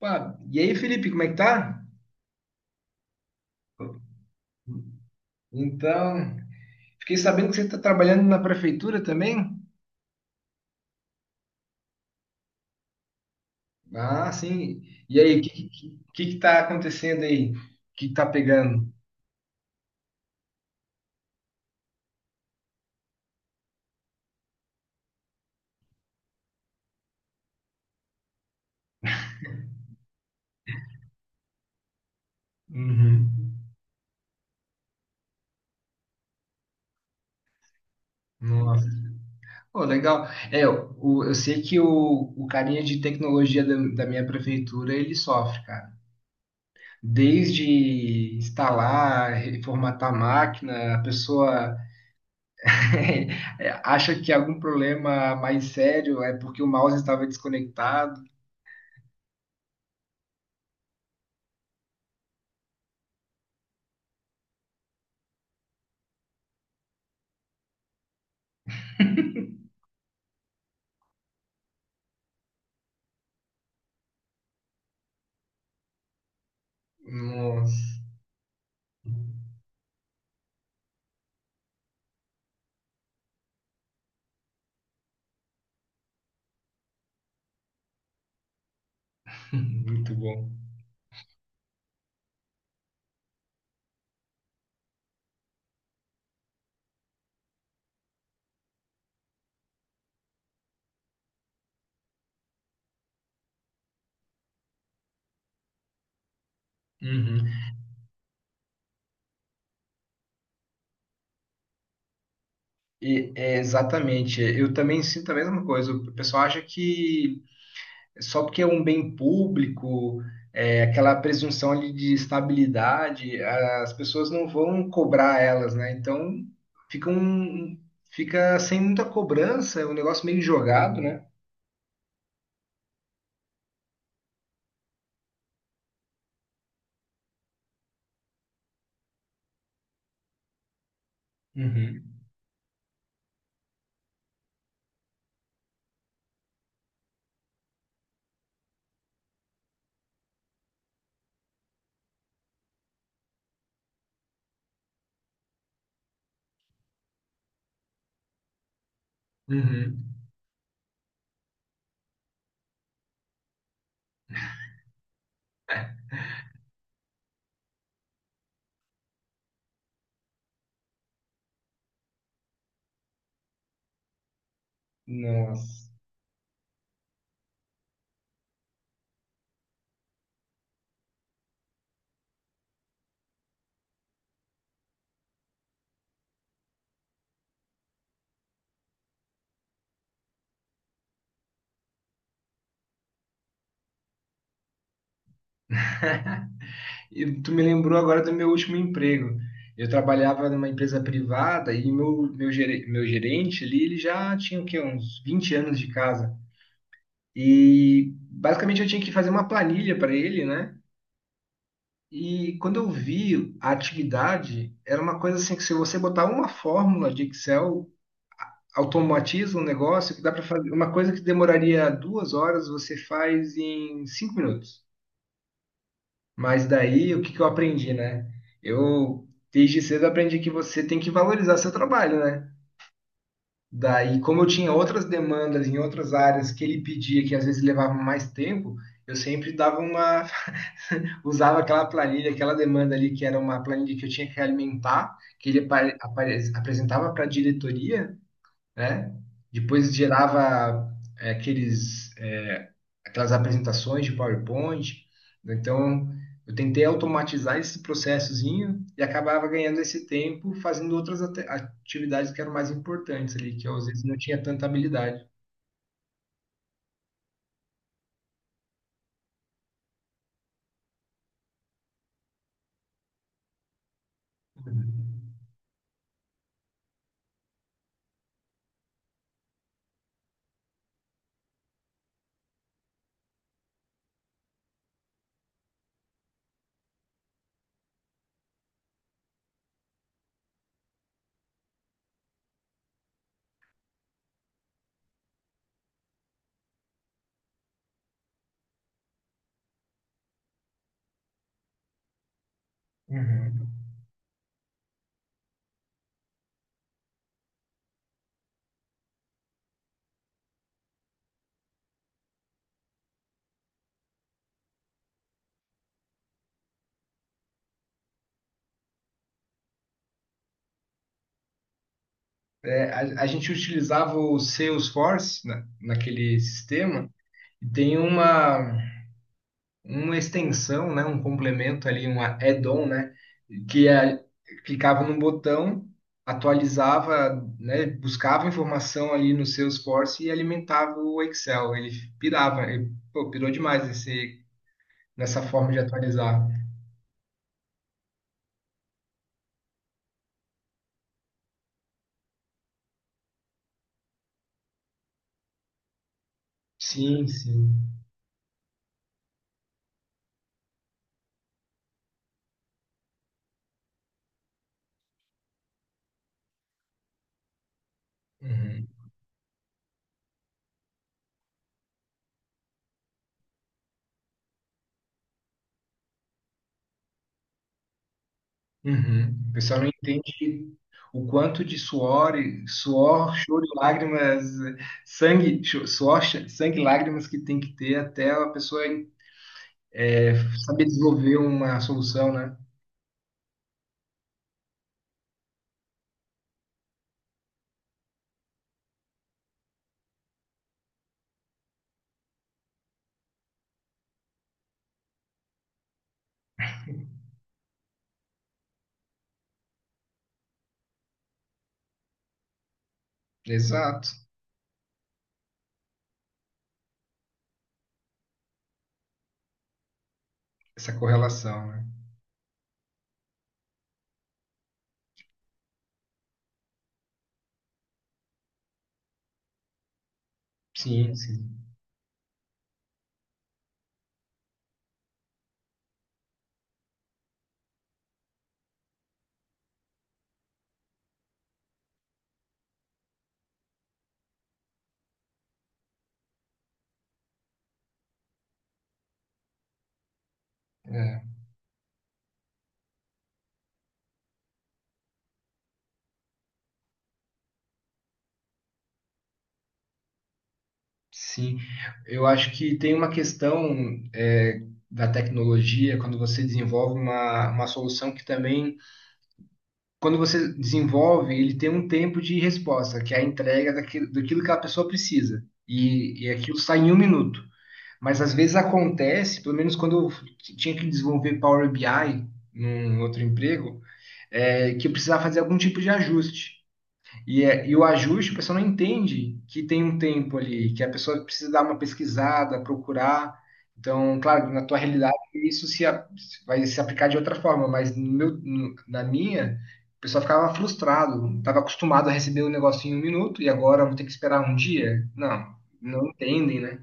Pá, e aí, Felipe, como é que tá? Então, fiquei sabendo que você está trabalhando na prefeitura também? Ah, sim. E aí, que tá acontecendo aí? O que que tá pegando? Uhum. Nossa. Pô, legal. É, eu sei que o carinha de tecnologia da minha prefeitura, ele sofre, cara. Desde instalar, reformatar a máquina, a pessoa acha que é algum problema mais sério é porque o mouse estava desconectado. Nossa. Muito bom. Uhum. E é, exatamente, eu também sinto a mesma coisa. O pessoal acha que só porque é um bem público, é, aquela presunção ali de estabilidade, as pessoas não vão cobrar elas, né? Então fica, fica sem muita cobrança, é um negócio meio jogado, né? Uhum. Uhum. Nossa. E tu me lembrou agora do meu último emprego. Eu trabalhava numa empresa privada e meu gerente ali, ele já tinha o quê? Uns 20 anos de casa. E basicamente eu tinha que fazer uma planilha para ele, né? E quando eu vi a atividade, era uma coisa assim que se você botar uma fórmula de Excel, automatiza um negócio que dá para fazer. Uma coisa que demoraria duas horas, você faz em cinco minutos. Mas daí, o que que eu aprendi, né? Eu, desde cedo, aprendi que você tem que valorizar seu trabalho, né? Daí, como eu tinha outras demandas em outras áreas que ele pedia, que às vezes levavam mais tempo, eu sempre dava uma, usava aquela planilha, aquela demanda ali, que era uma planilha que eu tinha que alimentar, que ele apresentava para a diretoria, né? Depois gerava é, aqueles, é, aquelas apresentações de PowerPoint. Então, eu tentei automatizar esse processozinho e acabava ganhando esse tempo fazendo outras atividades que eram mais importantes ali, que eu às vezes não tinha tanta habilidade. Uhum. É, a gente utilizava o Salesforce naquele sistema e tem uma. Uma extensão, né, um complemento ali, um add-on, né, que é, clicava num botão, atualizava, né, buscava informação ali no Salesforce e alimentava o Excel. Ele pirava, ele, pô, pirou demais esse, nessa forma de atualizar. Sim, sim. Uhum. Uhum. O pessoal não entende o quanto de suor, suor, choro e lágrimas, sangue, suor, sangue e lágrimas que tem que ter até a pessoa É saber desenvolver uma solução, né? Exato. Essa correlação, né? Sim, sim. É, sim. Eu acho que tem uma questão é, da tecnologia, quando você desenvolve uma solução que também, quando você desenvolve, ele tem um tempo de resposta, que é a entrega daquilo, daquilo que a pessoa precisa. E aquilo sai em um minuto. Mas às vezes acontece, pelo menos quando eu tinha que desenvolver Power BI num outro emprego, é, que precisar fazer algum tipo de ajuste. E, e o ajuste, a pessoa não entende que tem um tempo ali, que a pessoa precisa dar uma pesquisada, procurar. Então, claro, na tua realidade, isso se, a- vai se aplicar de outra forma, mas no meu, na minha, o pessoal ficava frustrado, estava acostumado a receber o negócio em um minuto e agora vou ter que esperar um dia? Não, não entendem, né?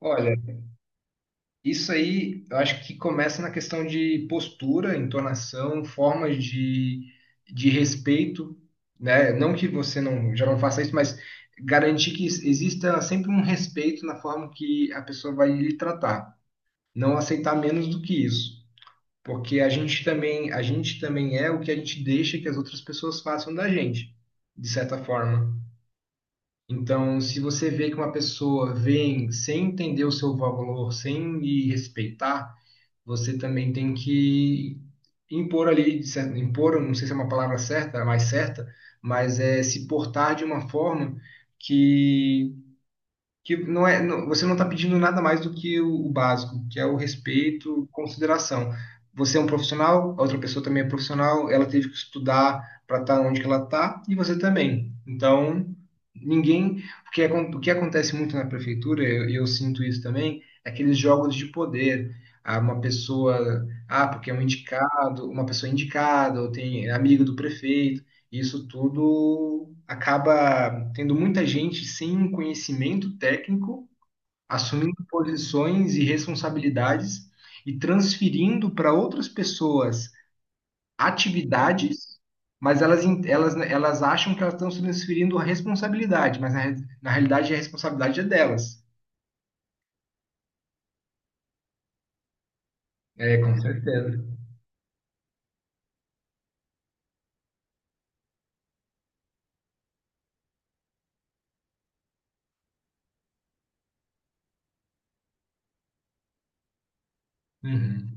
Olha, isso aí, eu acho que começa na questão de postura, entonação, formas de respeito, né? Não que você não, já não faça isso, mas garantir que exista sempre um respeito na forma que a pessoa vai lhe tratar. Não aceitar menos do que isso, porque a gente também é o que a gente deixa que as outras pessoas façam da gente, de certa forma. Então, se você vê que uma pessoa vem sem entender o seu valor, sem lhe respeitar, você também tem que impor ali, impor, não sei se é uma palavra certa, a mais certa, mas é se portar de uma forma que que não é, você não está pedindo nada mais do que o básico, que é o respeito, consideração. Você é um profissional, a outra pessoa também é profissional, ela teve que estudar para estar onde que ela está e você também. Então, ninguém, o que acontece muito na prefeitura, eu sinto isso também, é aqueles jogos de poder. Ah, uma pessoa, ah, porque é um indicado, uma pessoa é indicada, ou tem é amigo do prefeito, isso tudo acaba tendo muita gente sem um conhecimento técnico, assumindo posições e responsabilidades e transferindo para outras pessoas atividades, mas elas acham que elas estão transferindo a responsabilidade, mas na realidade a responsabilidade é delas. É, com certeza. Uhum.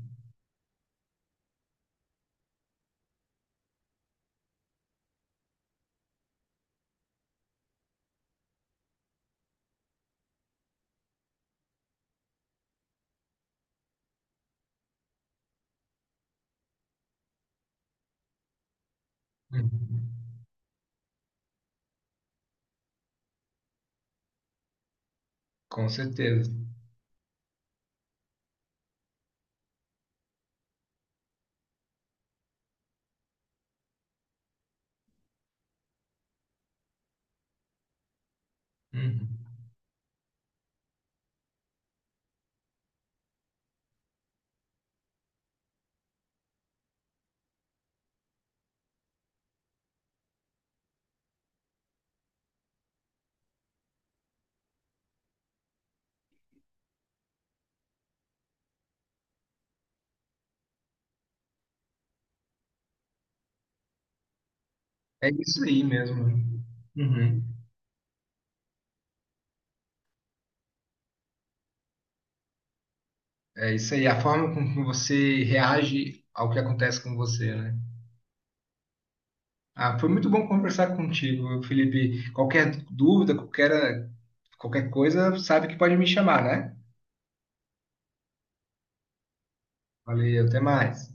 Uhum. Com certeza. Uhum. É isso aí mesmo. Uhum. É isso aí, a forma com que você reage ao que acontece com você, né? Ah, foi muito bom conversar contigo, Felipe. Qualquer dúvida, qualquer, qualquer coisa, sabe que pode me chamar, né? Valeu, até mais.